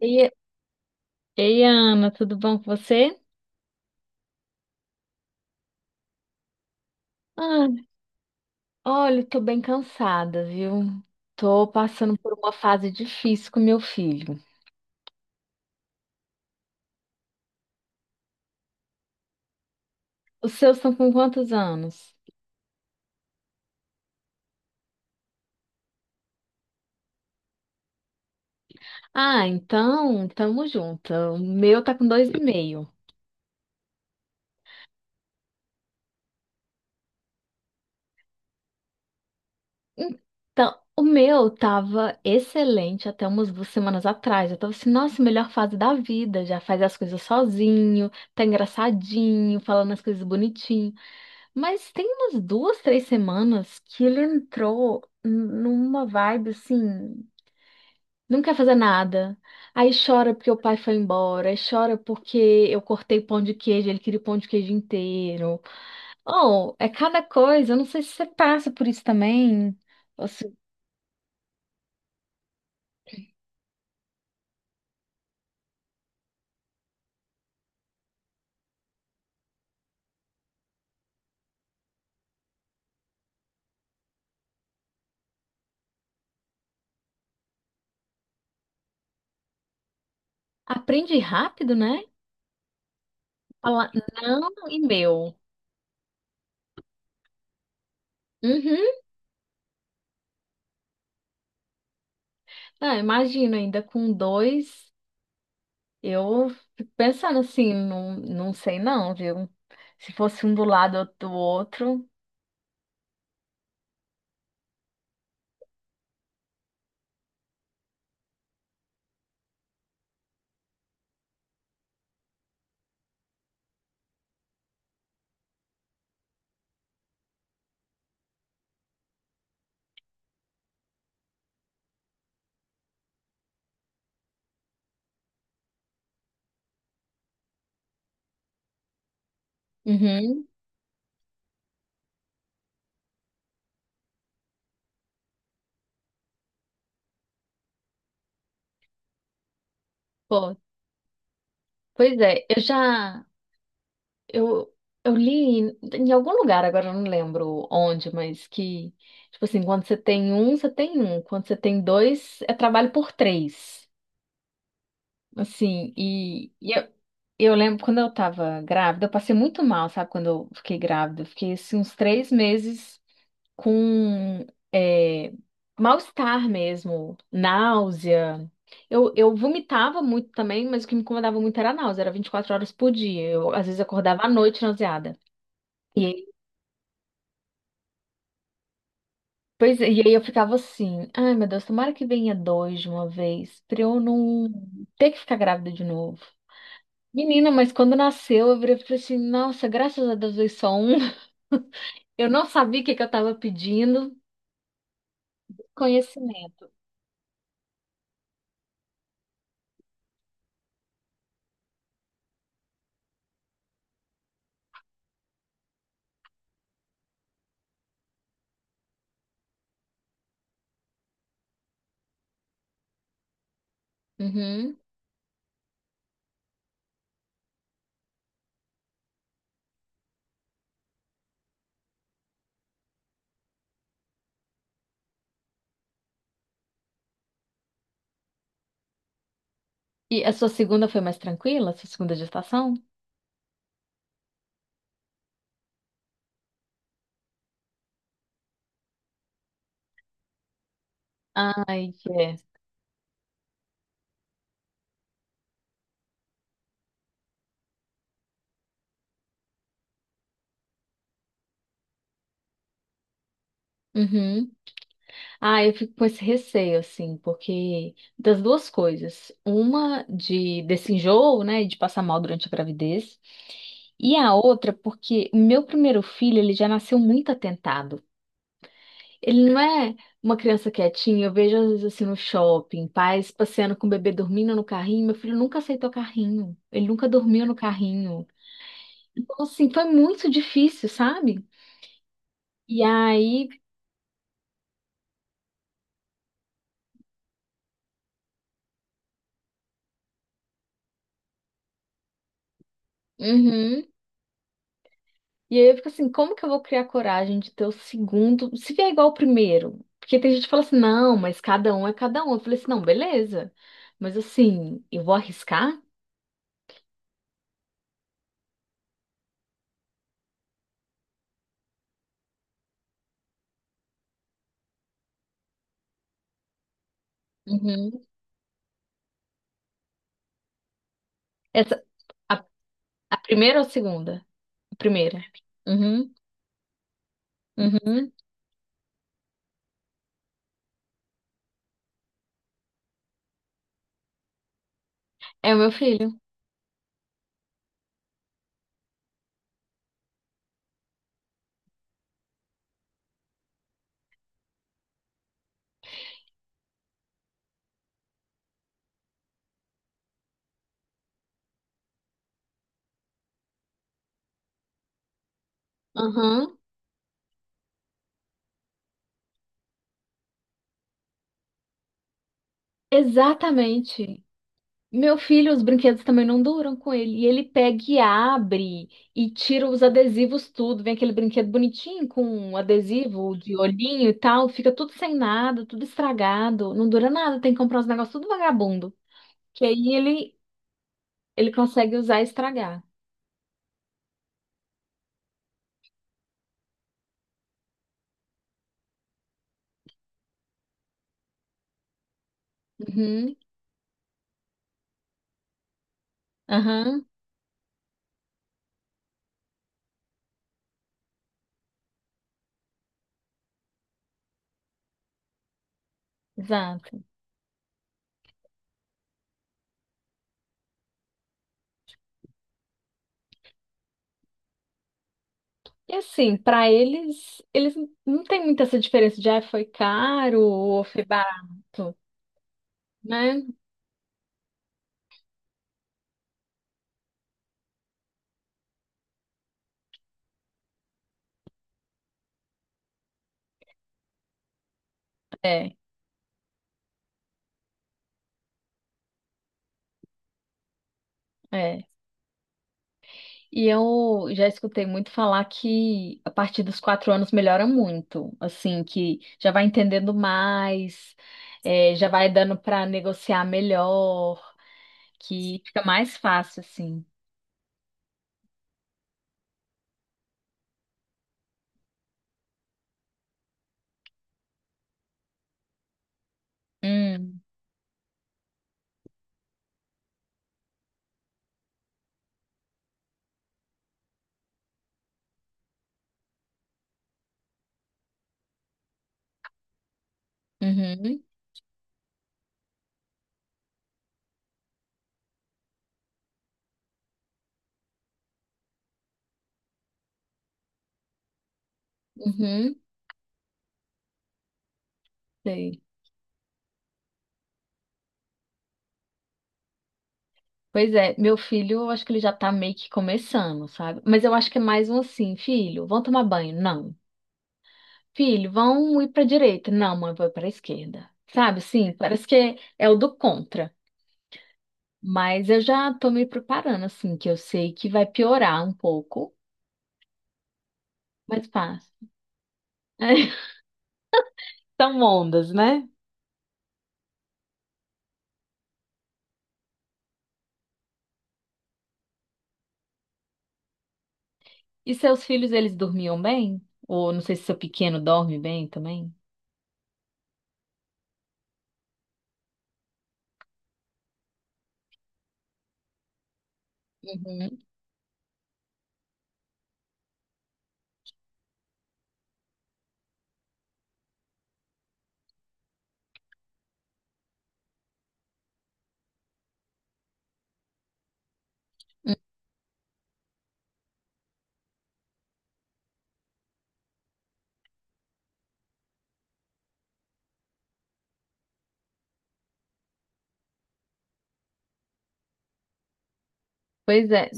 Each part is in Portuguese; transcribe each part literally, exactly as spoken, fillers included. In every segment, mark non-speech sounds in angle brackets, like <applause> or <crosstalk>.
Ei, ei, Ana, tudo bom com você? Ah, olha, tô bem cansada, viu? Tô passando por uma fase difícil com meu filho. Os seus estão com quantos anos? Ah, então, tamo junto. O meu tá com dois e meio. Então, o meu tava excelente até umas duas semanas atrás. Eu tava assim, nossa, melhor fase da vida. Já faz as coisas sozinho, tá engraçadinho, falando as coisas bonitinho. Mas tem umas duas, três semanas que ele entrou n- numa vibe assim, não quer fazer nada. Aí chora porque o pai foi embora, aí chora porque eu cortei pão de queijo, ele queria o pão de queijo inteiro. Oh, é cada coisa, eu não sei se você passa por isso também. Você aprende rápido, né? Falar não e meu. Uhum. Ah, imagina ainda com dois. Eu fico pensando assim, não, não sei não, viu? Se fosse um do lado, outro do outro. Uhum. Pô, pois é, eu já. Eu, eu li em, em algum lugar, agora eu não lembro onde, mas que, tipo assim, quando você tem um, você tem um. Quando você tem dois, é trabalho por três. Assim, e, e eu, eu lembro quando eu tava grávida, eu passei muito mal, sabe? Quando eu fiquei grávida, eu fiquei assim, uns três meses com é, mal-estar mesmo, náusea. Eu, eu vomitava muito também, mas o que me incomodava muito era a náusea, era vinte e quatro horas por dia. Eu, às vezes, acordava à noite nauseada. E aí, pois, é, e aí eu ficava assim, ai meu Deus, tomara que venha dois de uma vez, pra eu não ter que ficar grávida de novo. Menina, mas quando nasceu, eu virei e falei assim, nossa, graças a Deus veio só um. <laughs> Eu não sabia o que que eu tava pedindo. Conhecimento. Uhum. E a sua segunda foi mais tranquila? A sua segunda gestação? Ai, que é. Uhum. Ah, eu fico com esse receio, assim, porque das duas coisas. Uma de desse enjoo, né, de passar mal durante a gravidez. E a outra, porque o meu primeiro filho, ele já nasceu muito atentado. Ele não é uma criança quietinha. Eu vejo, às vezes, assim, no shopping, pais passeando com o bebê dormindo no carrinho. Meu filho nunca aceitou carrinho. Ele nunca dormiu no carrinho. Então, assim, foi muito difícil, sabe? E aí. Uhum. E aí eu fico assim, como que eu vou criar coragem de ter o segundo, se vier igual ao primeiro? Porque tem gente que fala assim, não, mas cada um é cada um. Eu falei assim, não, beleza. Mas assim, eu vou arriscar? Uhum. Essa, a, a primeira ou a segunda? A primeira. Uhum. Uhum. É o meu filho. Uhum. Exatamente. Meu filho, os brinquedos também não duram com ele. E ele pega e abre e tira os adesivos tudo. Vem aquele brinquedo bonitinho com um adesivo de olhinho e tal. Fica tudo sem nada, tudo estragado. Não dura nada, tem que comprar os negócios tudo vagabundo. Que aí ele, ele consegue usar e estragar. Uhum, aham, exato. E assim, pra eles, eles não tem muita essa diferença de ah, foi caro ou foi barato, né? É, é. E eu já escutei muito falar que a partir dos quatro anos melhora muito, assim, que já vai entendendo mais, é, já vai dando para negociar melhor, que fica mais fácil, assim. Hum, uhum, uhum, sei. Pois é, meu filho, eu acho que ele já tá meio que começando, sabe? Mas eu acho que é mais um assim, filho, vão tomar banho? Não. Filho, vão ir pra direita? Não, mãe, vou pra esquerda. Sabe, assim, parece que é o do contra. Mas eu já tô me preparando, assim, que eu sei que vai piorar um pouco, mas passa. <laughs> São ondas, né? E seus filhos, eles dormiam bem? Ou não sei se seu pequeno dorme bem também? Uhum. Pois é.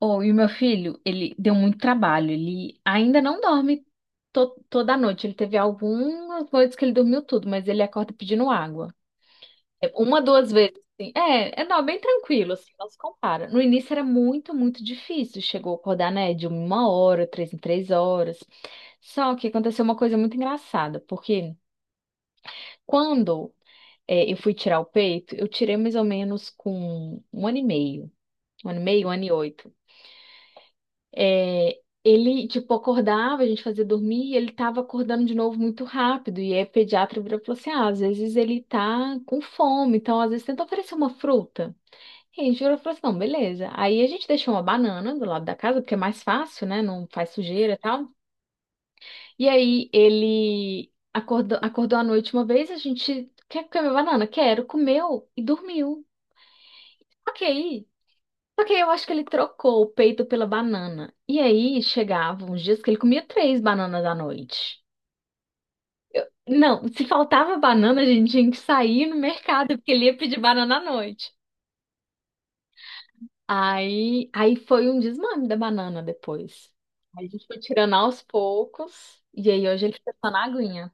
Oh, e o meu filho, ele deu muito trabalho. Ele ainda não dorme to- toda noite. Ele teve algumas noites que ele dormiu tudo, mas ele acorda pedindo água. É, uma, duas vezes, assim. É, é não, bem tranquilo, assim, não se compara. No início era muito, muito difícil. Chegou a acordar, né, de uma hora, três em três horas. Só que aconteceu uma coisa muito engraçada, porque quando é, eu fui tirar o peito, eu tirei mais ou menos com um ano e meio. Um ano e meio, um ano e oito. É, ele, tipo, acordava, a gente fazia dormir, e ele tava acordando de novo muito rápido. E aí o pediatra virou e falou assim, ah, às vezes ele tá com fome, então às vezes tenta oferecer uma fruta. E a gente virou e falou assim, não, beleza. Aí a gente deixou uma banana do lado da casa, porque é mais fácil, né? Não faz sujeira e tal. E aí ele acordou, acordou à noite uma vez, a gente quer comer banana? Quero, comeu e dormiu. Só aí, só que aí eu acho que ele trocou o peito pela banana. E aí chegavam uns dias que ele comia três bananas à noite. Não, se faltava banana, a gente tinha que sair no mercado, porque ele ia pedir banana à noite. Aí, aí foi um desmame da banana depois. Aí a gente foi tirando aos poucos, e aí hoje ele fica só na aguinha.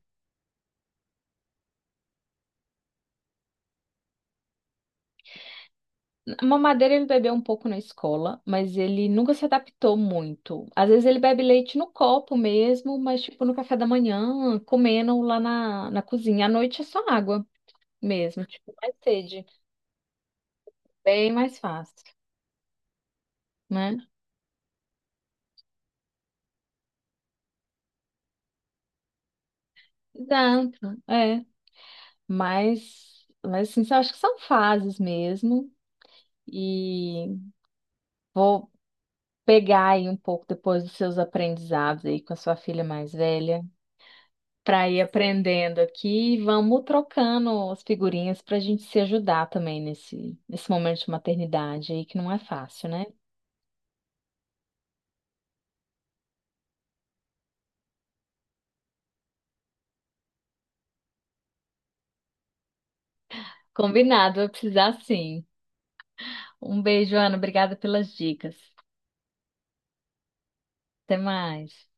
A mamadeira ele bebeu um pouco na escola, mas ele nunca se adaptou muito. Às vezes ele bebe leite no copo mesmo, mas tipo no café da manhã, comendo lá na, na cozinha. À noite é só água mesmo, tipo mais sede, bem mais fácil, né? Exato, é. Mas, mas assim, eu acho que são fases mesmo. E vou pegar aí um pouco depois dos seus aprendizados aí com a sua filha mais velha, para ir aprendendo aqui e vamos trocando as figurinhas para a gente se ajudar também nesse, nesse momento de maternidade aí, que não é fácil, né? Combinado, vai precisar sim. Um beijo, Ana. Obrigada pelas dicas. Até mais.